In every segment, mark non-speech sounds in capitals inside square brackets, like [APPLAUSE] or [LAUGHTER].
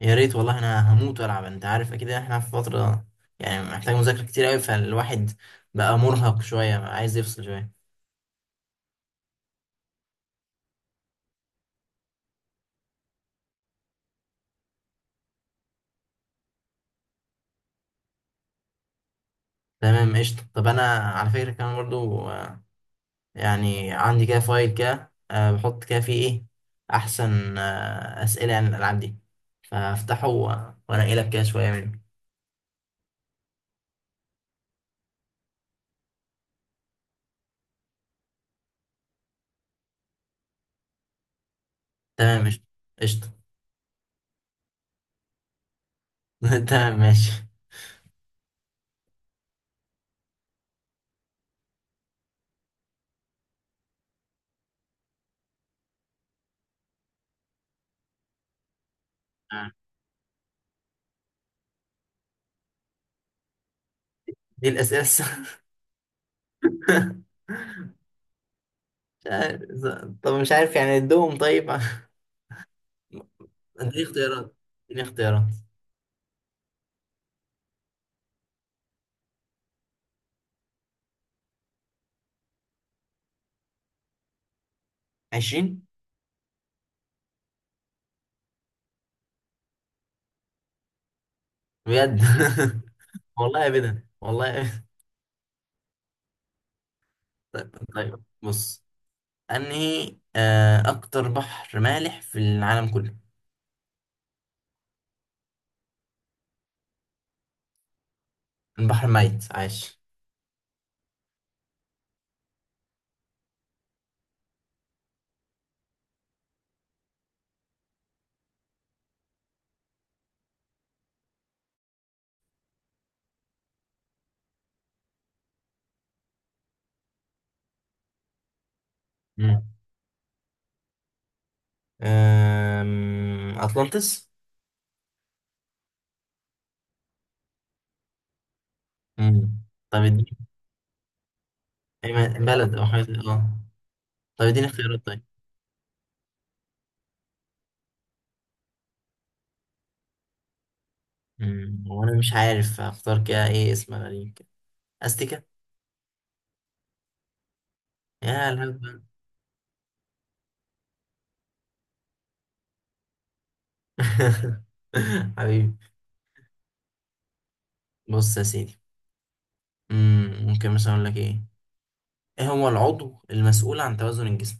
يا ريت والله انا هموت والعب. انت عارف اكيد احنا في فتره يعني محتاج مذاكره كتير قوي، فالواحد بقى مرهق شويه، بقى عايز يفصل شويه. تمام، قشطه. طب انا على فكره كمان برضو يعني عندي كده فايل كده، بحط كده فيه ايه احسن، اسئله عن الالعاب دي، فافتحه وانقي لك كده شويه منه. تمام، قشطه قشطه. [LAUGHS] تمام ماشي. آه. دي [LAUGHS] مش عارف. طب مش عارف، يعني ادوهم طيب. [LAUGHS] اديني اختيارات، اديني اختيارات. 20. بجد؟ [LAUGHS] والله ابدا، والله أبداً. طيب طيب، بص. انهي اكتر بحر مالح في العالم كله؟ البحر الميت عايش. مم. آم، اطلانتس. مم. طب اديني أي بلد او حاجه اه. طب اديني اختيارات طيب. مم. وانا مش عارف اختار كده، ايه اسم غريب كده؟ استيكا. يا الهبل. [LAUGHS] حبيبي. بص يا سيدي. مم. ممكن مثلا اقول لك ايه، ايه هو العضو المسؤول عن توازن الجسم؟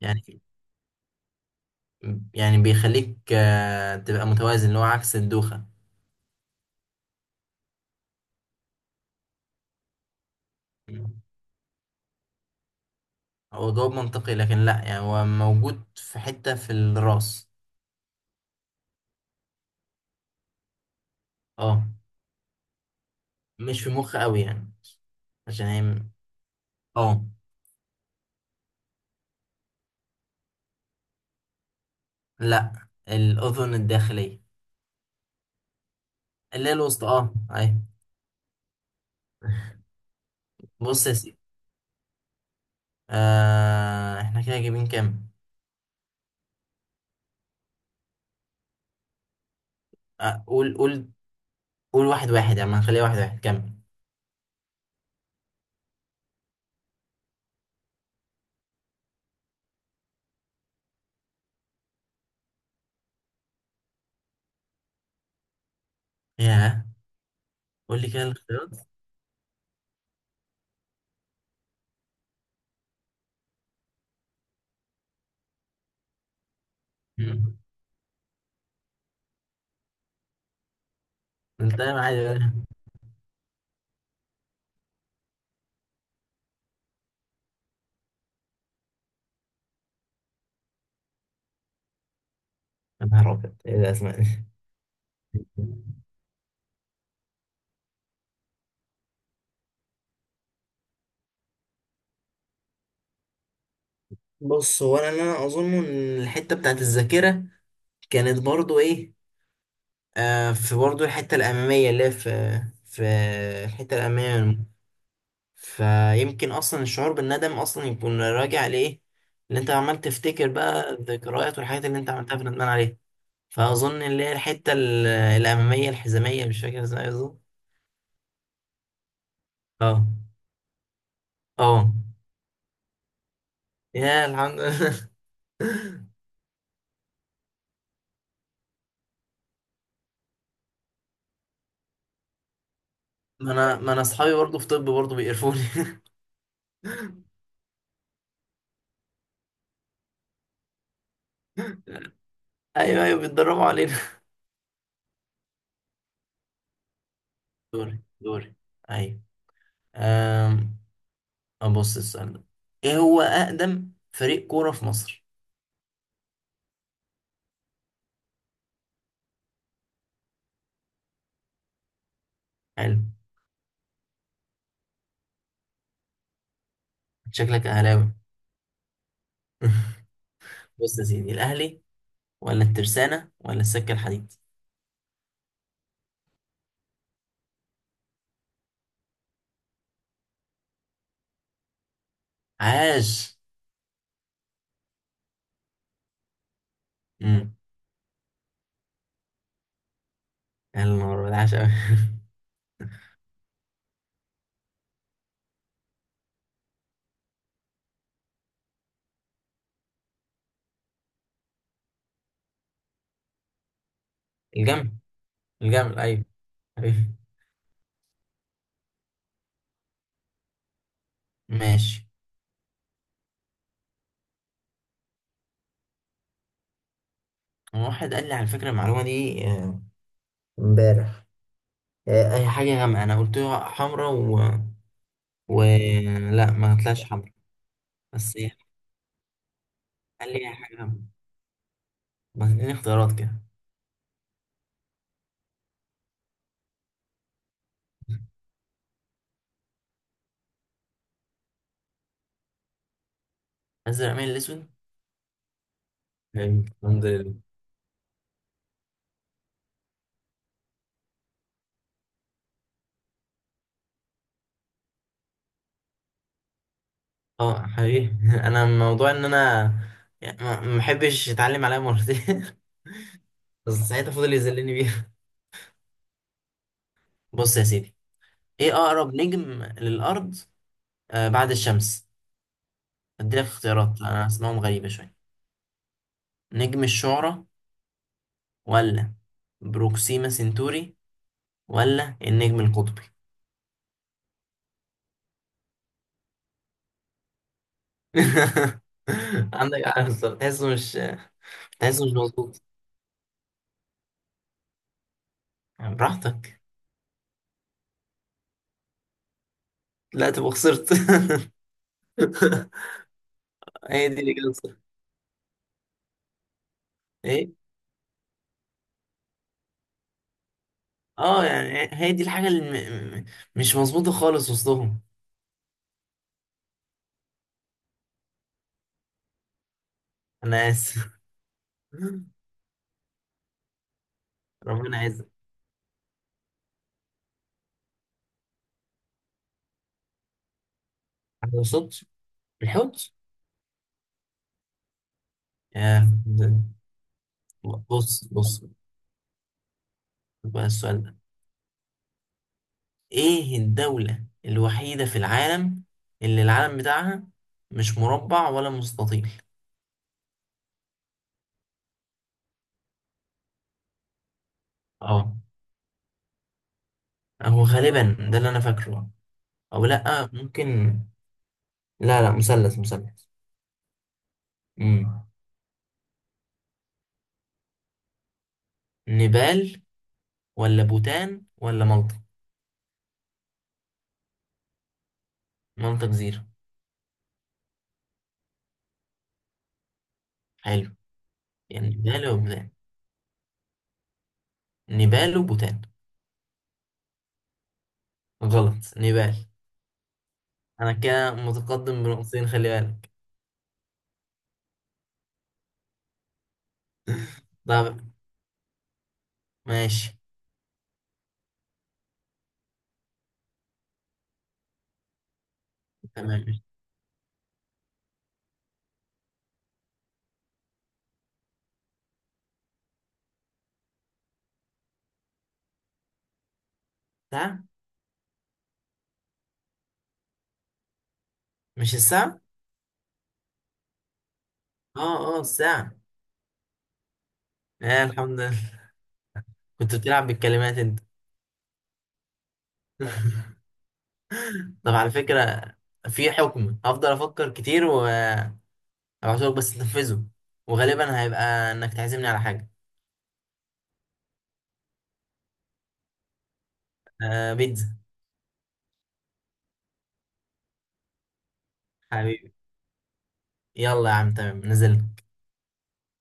يعني يعني بيخليك تبقى متوازن، اللي هو عكس الدوخة. مم. هو جواب منطقي لكن لا، يعني هو موجود في حتة في الراس. اه. مش في مخ قوي يعني، عشان هي م- اه. لا، الأذن الداخلية. اللي هي الوسطى، اه اي. بص يا سيدي، آه احنا كده جايبين كام؟ آه قول قول. قول واحد واحد، يعني ما نخليها واحد واحد. كمل. ياه، قول لي كده الاختيارات. مم. انت عادي. يا نهار أبيض، إيه الأسماء دي؟ بص، هو أنا اللي أنا أظن إن الحتة بتاعت الذاكرة كانت برضو إيه، آه في برضو الحتة الأمامية اللي هي في الحتة الأمامية. فيمكن أصلا الشعور بالندم أصلا يكون راجع لإيه اللي أنت عمال تفتكر بقى، الذكريات والحاجات اللي أنت عملتها فندمان عليها. فأظن اللي هي الحتة الأمامية الحزامية، مش فاكر إزاي بالظبط. أه. أه. يا الحمد لله. [LAUGHS] ما أنا ما أنا أصحابي برضو في طب برضو بيقرفوني. [LAUGHS] ايوه ايوه، بيتدربوا علينا. [LAUGHS] دوري دوري. ايوه. أم... ابص السؤال ده، ايه هو اقدم فريق كوره في مصر؟ حلو. شكلك اهلاوي. [LAUGHS] بص يا سيدي، الاهلي ولا الترسانه ولا السكه الحديد؟ عاش. امم. يا نهار أبيض، عاش قوي. [LAUGHS] الجمل، الجمل ايوه. [LAUGHS] ايوه ماشي. هو واحد قال لي على فكره المعلومه دي امبارح. اي حاجه غامقه انا قلت له حمرا و... و لا، ما طلعش حمرا. بس يعني، خليني حاجة، بس اديني اختيارات كده. ازرق مين الاسود؟ فهمت، الحمد لله. اه حقيقي. [LAUGHS] انا موضوع ان انا يعني ما بحبش اتعلم عليها مرتين. [LAUGHS] بس ساعتها فضل يذلني بيها. [LAUGHS] بص يا سيدي، ايه اقرب نجم للارض آه بعد الشمس؟ اديلك اختيارات، انا اسمائهم غريبة شوية. نجم الشعرى، ولا بروكسيما سنتوري، ولا النجم القطبي؟ [LAUGHS] عندك عارف، تحسه مش مظبوط. براحتك. لا تبقى خسرت. [LAUGHS] هي دي اللي كانت ايه. اه، يعني هي دي الحاجة اللي مش مظبوطة خالص وسطهم. انا اسف. [LAUGHS] ربنا يعزك. ما وصلتش. الحوت. يا ده-. بص بص، بقى السؤال ده، ايه الدولة الوحيدة في العالم اللي العلم بتاعها مش مربع ولا مستطيل؟ اه، هو غالبا ده اللي انا فاكره، او لا ممكن. لا لا، مثلث مثلث. امم. نيبال ولا بوتان ولا مالطا؟ مالطا جزيرة. حلو. يعني نيبال وبوتان. نيبال وبوتان. غلط، نيبال. أنا كده متقدم بنقطتين، خلي بالك. [LAUGHS] طب. ماشي. تمام. ساعة. مش الساعة؟ اه اه الساعة. آه الحمد لله. كنت بتلعب بالكلمات انت. [LAUGHS] طب على فكرة، في حكم هفضل افكر كتير وابعتهولك، بس تنفذه. وغالبا هيبقى انك تعزمني على حاجة، آه بيتزا. حبيبي. يلا يا عم، تمام، نزلت.